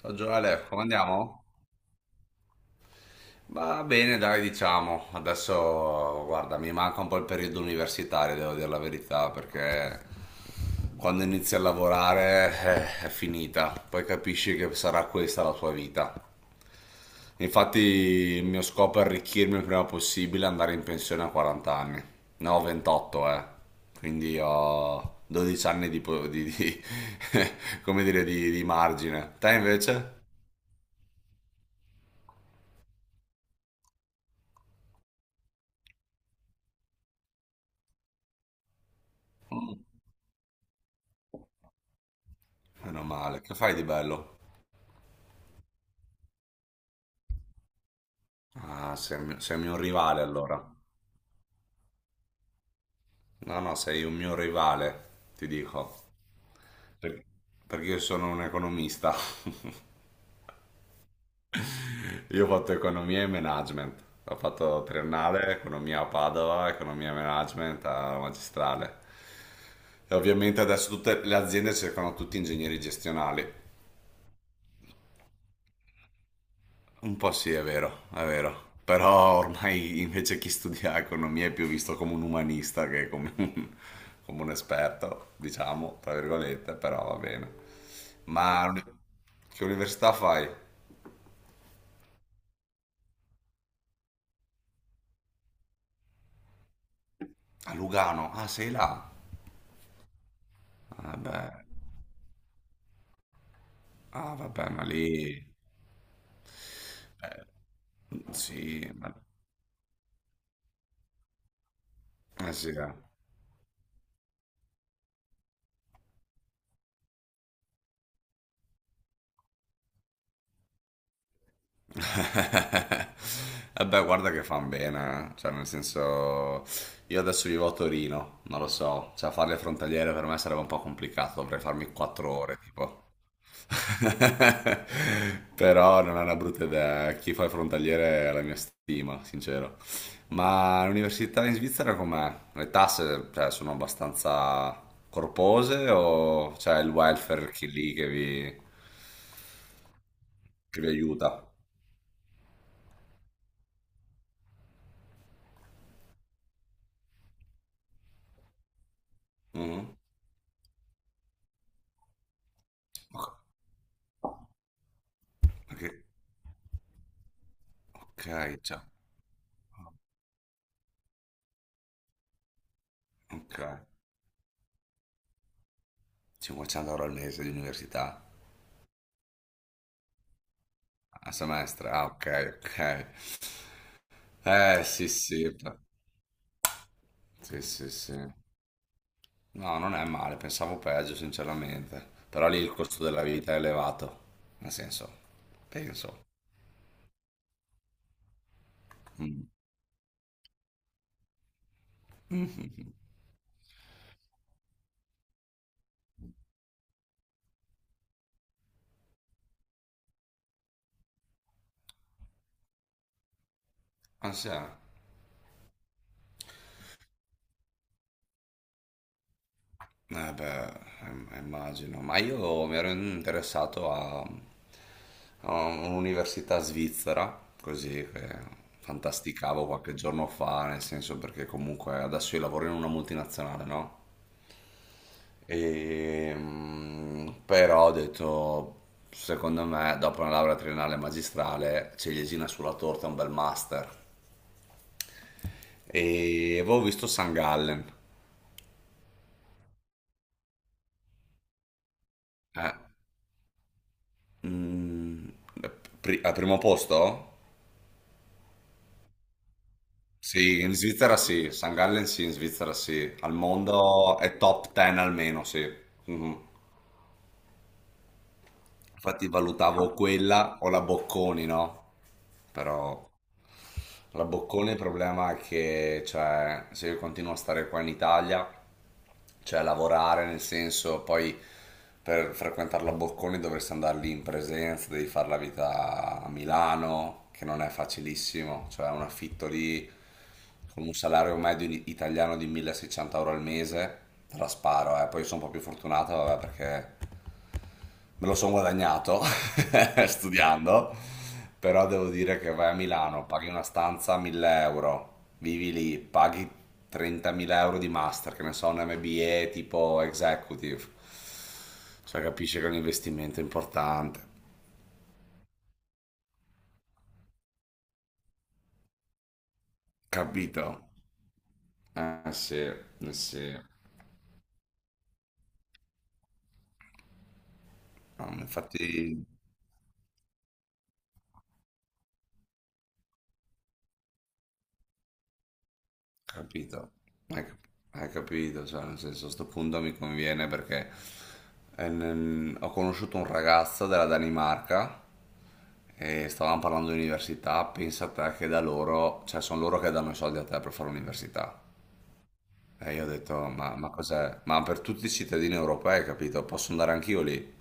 Ciao Gioele, come andiamo? Va bene, dai, diciamo. Adesso, guarda, mi manca un po' il periodo universitario, devo dire la verità, perché quando inizi a lavorare, è finita. Poi capisci che sarà questa la tua vita. Infatti, il mio scopo è arricchirmi il prima possibile e andare in pensione a 40 anni. Ne ho 28, eh. Quindi ho 12 anni di, come dire, di margine. Te invece? Meno male. Che fai di bello? Ah, sei un mio rivale allora. No, no, sei un mio rivale, ti dico. Per- Perché io sono un economista. Io ho fatto economia e management. Ho fatto triennale, economia a Padova, economia e management alla magistrale. E ovviamente adesso tutte le aziende cercano tutti ingegneri gestionali. Un po' sì, è vero, è vero. Però ormai invece chi studia economia è più visto come un umanista che come un esperto, diciamo, tra virgolette, però va bene. Ma che università fai? A Lugano. Ah, sei là? Vabbè. Ah, vabbè, ma lì. eh, sì, ma. Eh sì, eh. E beh, guarda che fan bene, eh. Cioè nel senso io adesso vivo a Torino, non lo so, cioè fare le frontaliere per me sarebbe un po' complicato, dovrei farmi 4 ore tipo. Però non è una brutta idea, eh. Chi fa il frontaliere è la mia stima, sincero. Ma l'università in Svizzera com'è? Le tasse, cioè, sono abbastanza corpose o c'è il welfare che lì che vi, aiuta? Mhm. Ok. Ok, già, ok. 500 euro al mese di università a semestre. Ah, ok, ok. Sì, sì, sì, sì, sì. No, non è male, pensavo peggio, sinceramente. Però lì il costo della vita è elevato. Nel senso, penso. Mm. Mhm. Ah, sì, eh. Eh beh, immagino, ma io mi ero interessato a un'università svizzera, così che fantasticavo qualche giorno fa, nel senso perché comunque adesso io lavoro in una multinazionale, no? E, però ho detto, secondo me, dopo una laurea triennale e magistrale, ciliegina sulla torta un bel master. E avevo visto San Gallen. Eh, mm, eh, Al primo posto? Sì, in Svizzera sì, St. Gallen sì, in Svizzera sì, al mondo è top 10 almeno, sì. Mhm. Infatti valutavo quella o la Bocconi, no? Però la Bocconi il problema è che, cioè, se io continuo a stare qua in Italia cioè lavorare nel senso poi per frequentare la Bocconi dovresti andare lì in presenza, devi fare la vita a Milano, che non è facilissimo, cioè un affitto lì con un salario medio italiano di 1600 euro al mese, te la sparo, eh. Poi sono un po' più fortunato vabbè, perché me lo sono guadagnato studiando, però devo dire che vai a Milano, paghi una stanza a 1000 euro, vivi lì, paghi 30.000 euro di master, che ne so, un MBA tipo executive, cioè capisci che è un investimento importante, capito? Eh sì, eh sì. No, infatti. Capito, hai, cap- hai capito, cioè nel senso a sto punto mi conviene perché ho conosciuto un ragazzo della Danimarca e stavamo parlando di università, pensa te che da loro, cioè sono loro che danno i soldi a te per fare l'università. E io ho detto, ma cos'è? Ma per tutti i cittadini europei, capito? Posso andare anch'io lì?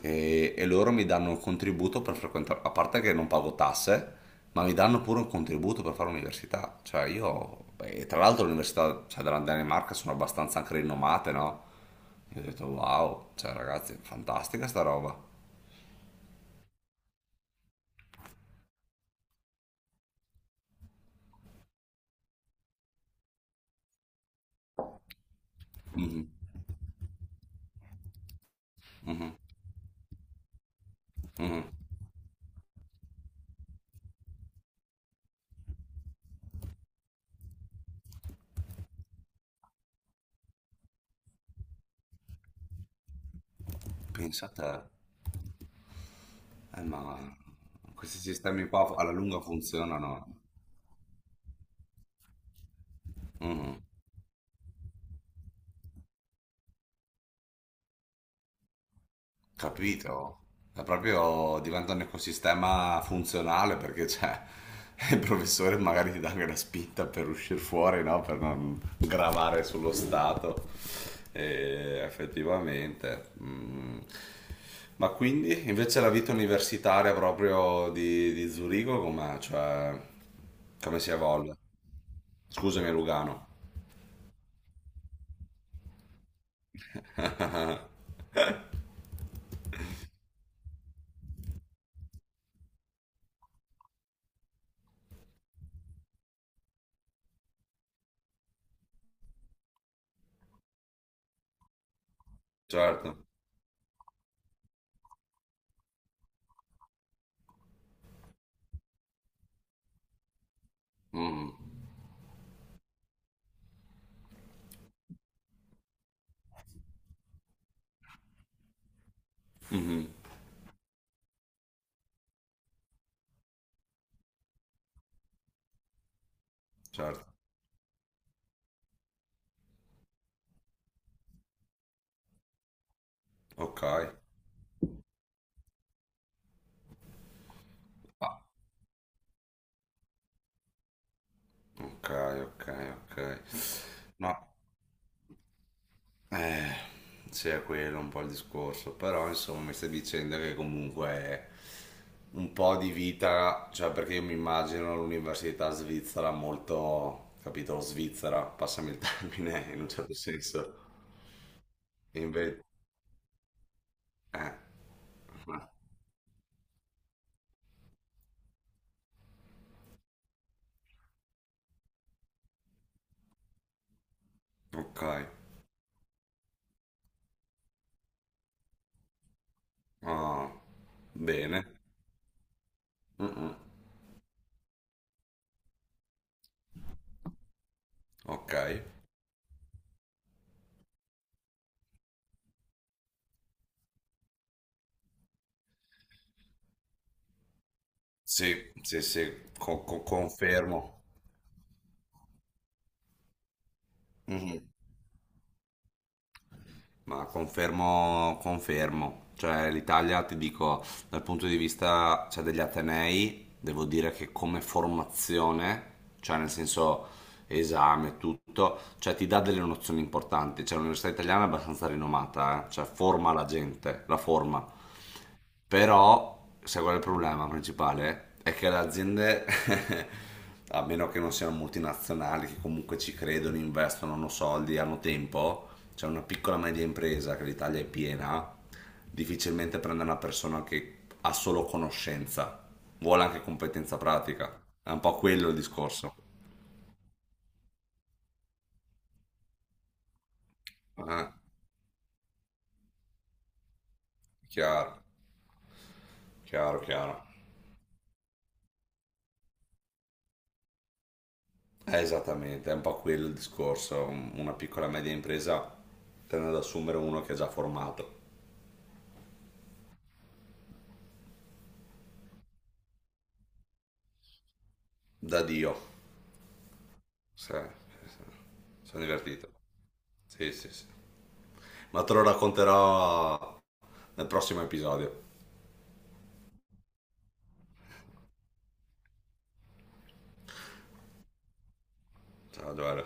E loro mi danno un contributo per frequentare, a parte che non pago tasse, ma mi danno pure un contributo per fare l'università. Cioè io, beh, tra l'altro le università cioè, della Danimarca sono abbastanza anche rinomate, no? Io ho detto wow, cioè ragazzi, fantastica sta roba. Pensa a te. Ma questi sistemi qua alla lunga funzionano. Capito? È proprio diventa un ecosistema funzionale perché c'è il professore magari ti dà anche la spinta per uscire fuori, no? Per non gravare sullo Stato. E effettivamente. Mm. Ma quindi invece la vita universitaria proprio di, Zurigo com'è? Cioè, come si evolve? Scusami, Lugano. Certo. Mm, mhm, certo. Ok. Ok, ok, ok. No, eh, sì, è quello un po' il discorso, però insomma mi stai dicendo che comunque è un po' di vita, cioè perché io mi immagino l'università svizzera molto, capito, svizzera, passami il termine in un certo senso. Invece. eh, ok. Ah, bene. Mm, mm. Ok, sì, sì, sì, confermo. Ma confermo, confermo, cioè l'Italia ti dico dal punto di vista cioè, degli Atenei, devo dire che come formazione, cioè nel senso esame, tutto, cioè ti dà delle nozioni importanti, cioè l'università italiana è abbastanza rinomata, cioè forma la gente, la forma. Però, sai qual è il problema principale? È che le aziende, a meno che non siano multinazionali, che comunque ci credono, investono, hanno soldi, hanno tempo, c'è cioè una piccola media impresa che l'Italia è piena, difficilmente prende una persona che ha solo conoscenza, vuole anche competenza pratica. È un po' quello il discorso. Eh, chiaro, chiaro, chiaro. È esattamente, è un po' quello il discorso. Una piccola e media impresa tende ad assumere uno che è già formato. Da Dio. Sì, sì, sì. Sono divertito. Sì, sì, sì. Ma te lo racconterò nel prossimo episodio. Ciao, Giovanni.